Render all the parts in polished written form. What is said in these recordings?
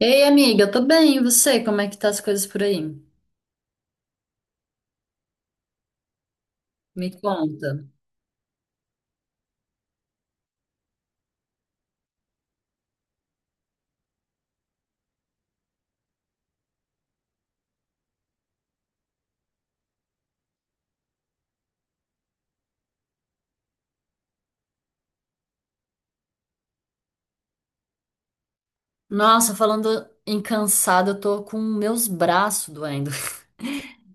Ei, amiga, eu tô bem, e você? Como é que tá as coisas por aí? Me conta. Nossa, falando em cansada, eu tô com meus braços doendo.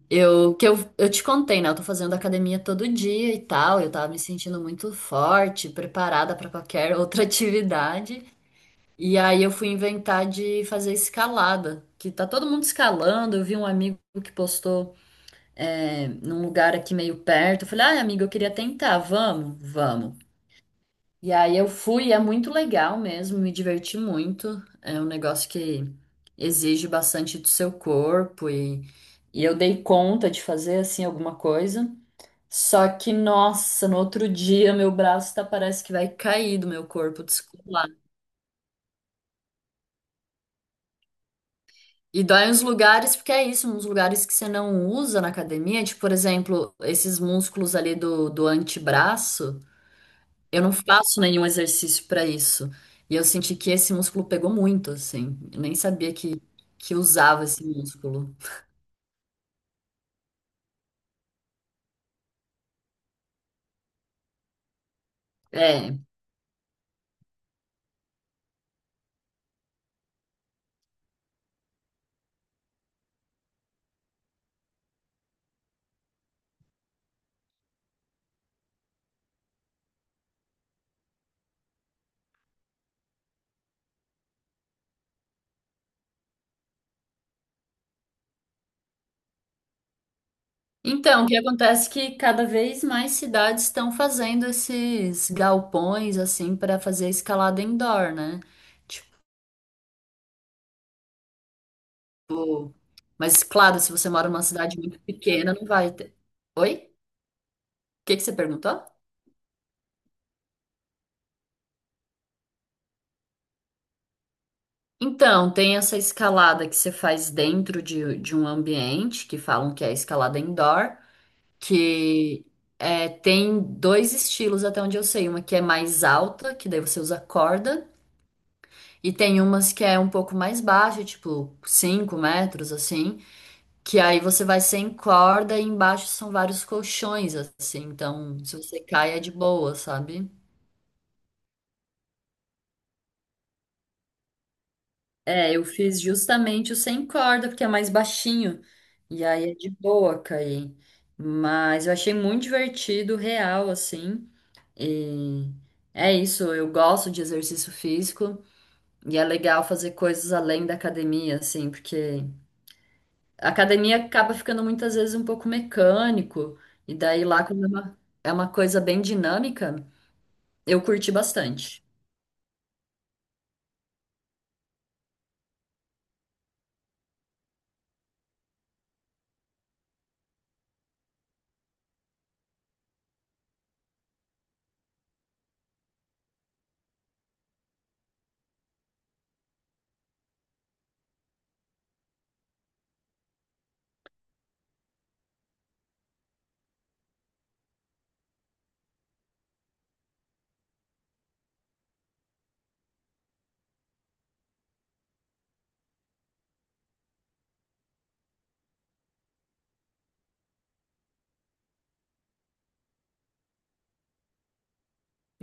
Eu te contei, né? Eu tô fazendo academia todo dia e tal, eu tava me sentindo muito forte, preparada pra qualquer outra atividade. E aí eu fui inventar de fazer escalada, que tá todo mundo escalando. Eu vi um amigo que postou, num lugar aqui meio perto. Eu falei, ai, amigo, eu queria tentar, vamos? Vamos. E aí eu fui, é muito legal mesmo, me diverti muito. É um negócio que exige bastante do seu corpo e eu dei conta de fazer assim alguma coisa. Só que, nossa, no outro dia meu braço tá, parece que vai cair do meu corpo descolar. E dói uns lugares, porque é isso, uns lugares que você não usa na academia, tipo, por exemplo, esses músculos ali do antebraço. Eu não faço nenhum exercício para isso. E eu senti que esse músculo pegou muito, assim. Eu nem sabia que usava esse músculo. É. Então, o que acontece é que cada vez mais cidades estão fazendo esses galpões, assim, para fazer escalada indoor, né? Tipo. Mas, claro, se você mora numa cidade muito pequena, não vai ter. Oi? O que que você perguntou? Então, tem essa escalada que você faz dentro de um ambiente, que falam que é escalada indoor, que tem dois estilos até onde eu sei, uma que é mais alta, que daí você usa corda, e tem umas que é um pouco mais baixa, tipo 5 metros assim, que aí você vai sem corda e embaixo são vários colchões assim, então se você cai é de boa, sabe? É, eu fiz justamente o sem corda, porque é mais baixinho, e aí é de boa cair. Mas eu achei muito divertido, real, assim. E é isso, eu gosto de exercício físico e é legal fazer coisas além da academia, assim, porque a academia acaba ficando muitas vezes um pouco mecânico, e daí lá, como é uma coisa bem dinâmica, eu curti bastante.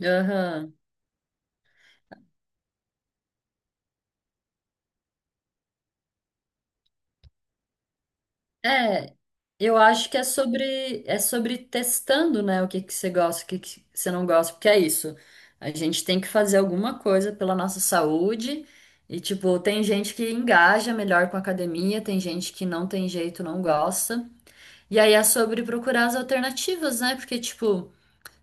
Aham. É, eu acho que é sobre testando, né, o que que você gosta, o que que você não gosta, porque é isso. A gente tem que fazer alguma coisa pela nossa saúde e tipo, tem gente que engaja melhor com a academia, tem gente que não tem jeito, não gosta. E aí é sobre procurar as alternativas, né? Porque tipo,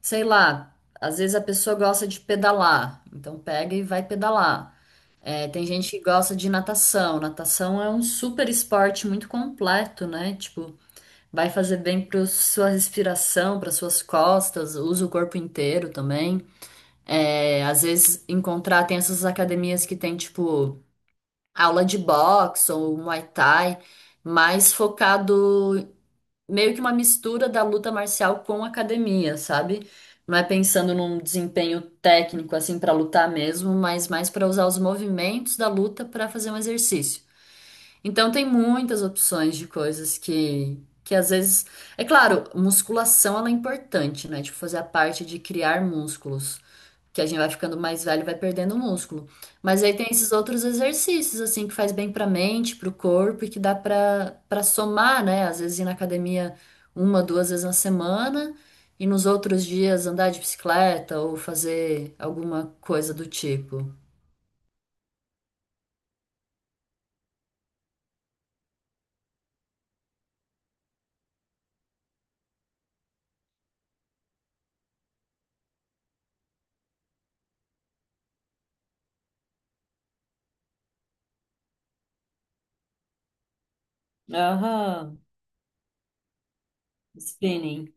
sei lá, às vezes a pessoa gosta de pedalar, então pega e vai pedalar. É, tem gente que gosta de natação. Natação é um super esporte muito completo, né? Tipo, vai fazer bem para sua respiração, para suas costas, usa o corpo inteiro também. Às vezes encontrar tem essas academias que tem tipo aula de boxe ou Muay Thai, mais focado meio que uma mistura da luta marcial com academia, sabe? Não é pensando num desempenho técnico assim para lutar mesmo, mas mais para usar os movimentos da luta para fazer um exercício. Então tem muitas opções de coisas que às vezes, é claro, musculação ela é importante, né? Tipo fazer a parte de criar músculos, que a gente vai ficando mais velho e vai perdendo músculo. Mas aí tem esses outros exercícios assim que faz bem para a mente, para o corpo e que dá para somar, né? Às vezes ir na academia uma, duas vezes na semana e nos outros dias andar de bicicleta ou fazer alguma coisa do tipo. Aham, spinning.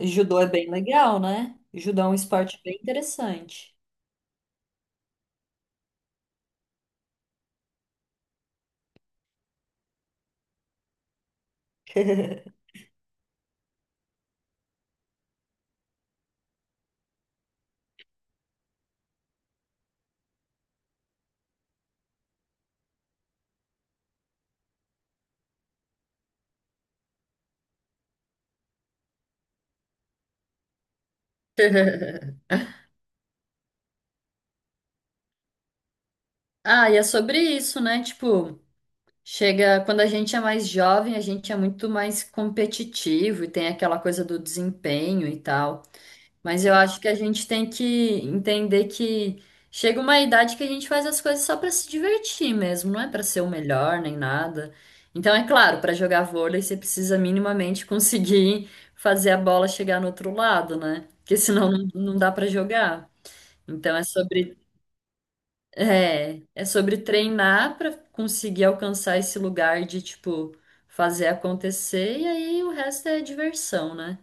Judô é bem legal, né? Judô é um esporte bem interessante. Ah, e é sobre isso, né? Tipo, chega quando a gente é mais jovem, a gente é muito mais competitivo e tem aquela coisa do desempenho e tal. Mas eu acho que a gente tem que entender que chega uma idade que a gente faz as coisas só para se divertir mesmo, não é para ser o melhor nem nada. Então, é claro, para jogar vôlei você precisa minimamente conseguir fazer a bola chegar no outro lado, né? Porque senão não, não dá para jogar. Então é sobre treinar para conseguir alcançar esse lugar de tipo fazer acontecer e aí o resto é diversão, né?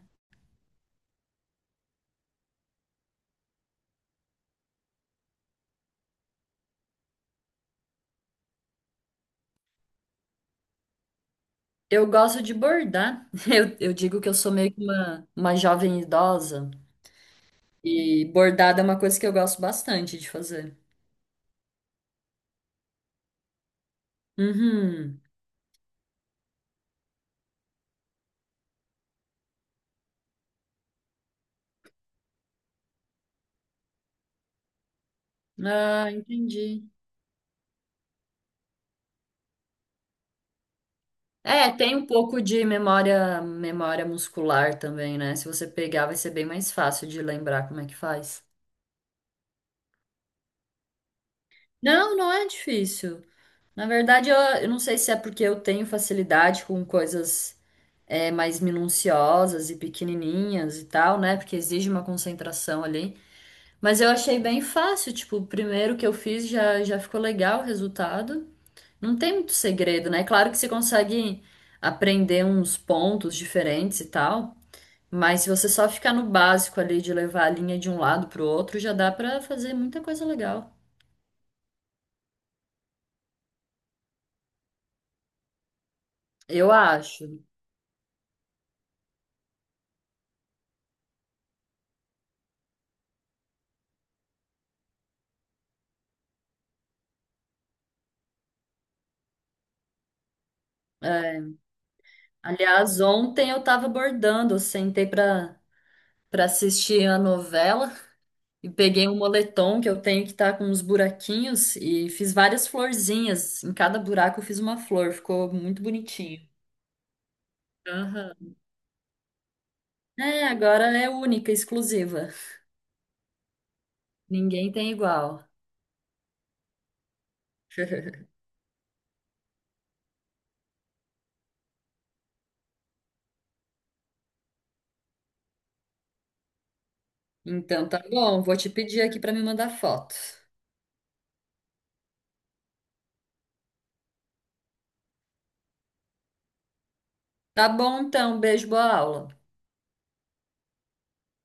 Eu gosto de bordar. Eu digo que eu sou meio que uma jovem idosa. E bordado é uma coisa que eu gosto bastante de fazer. Uhum. Ah, entendi. É, tem um pouco de memória, muscular também, né? Se você pegar, vai ser bem mais fácil de lembrar como é que faz. Não, não é difícil. Na verdade, eu não sei se é porque eu tenho facilidade com coisas mais minuciosas e pequenininhas e tal, né? Porque exige uma concentração ali. Mas eu achei bem fácil, tipo, o primeiro que eu fiz já ficou legal o resultado. Não tem muito segredo, né? Claro que você consegue aprender uns pontos diferentes e tal, mas se você só ficar no básico ali de levar a linha de um lado pro outro, já dá pra fazer muita coisa legal. Eu acho. É. Aliás, ontem eu tava bordando, eu sentei pra assistir a novela. E peguei um moletom que eu tenho que tá com uns buraquinhos e fiz várias florzinhas. Em cada buraco eu fiz uma flor, ficou muito bonitinho. Aham. É, agora é única, exclusiva. Ninguém tem igual. Então tá bom, vou te pedir aqui pra me mandar foto. Tá bom então, beijo, boa aula.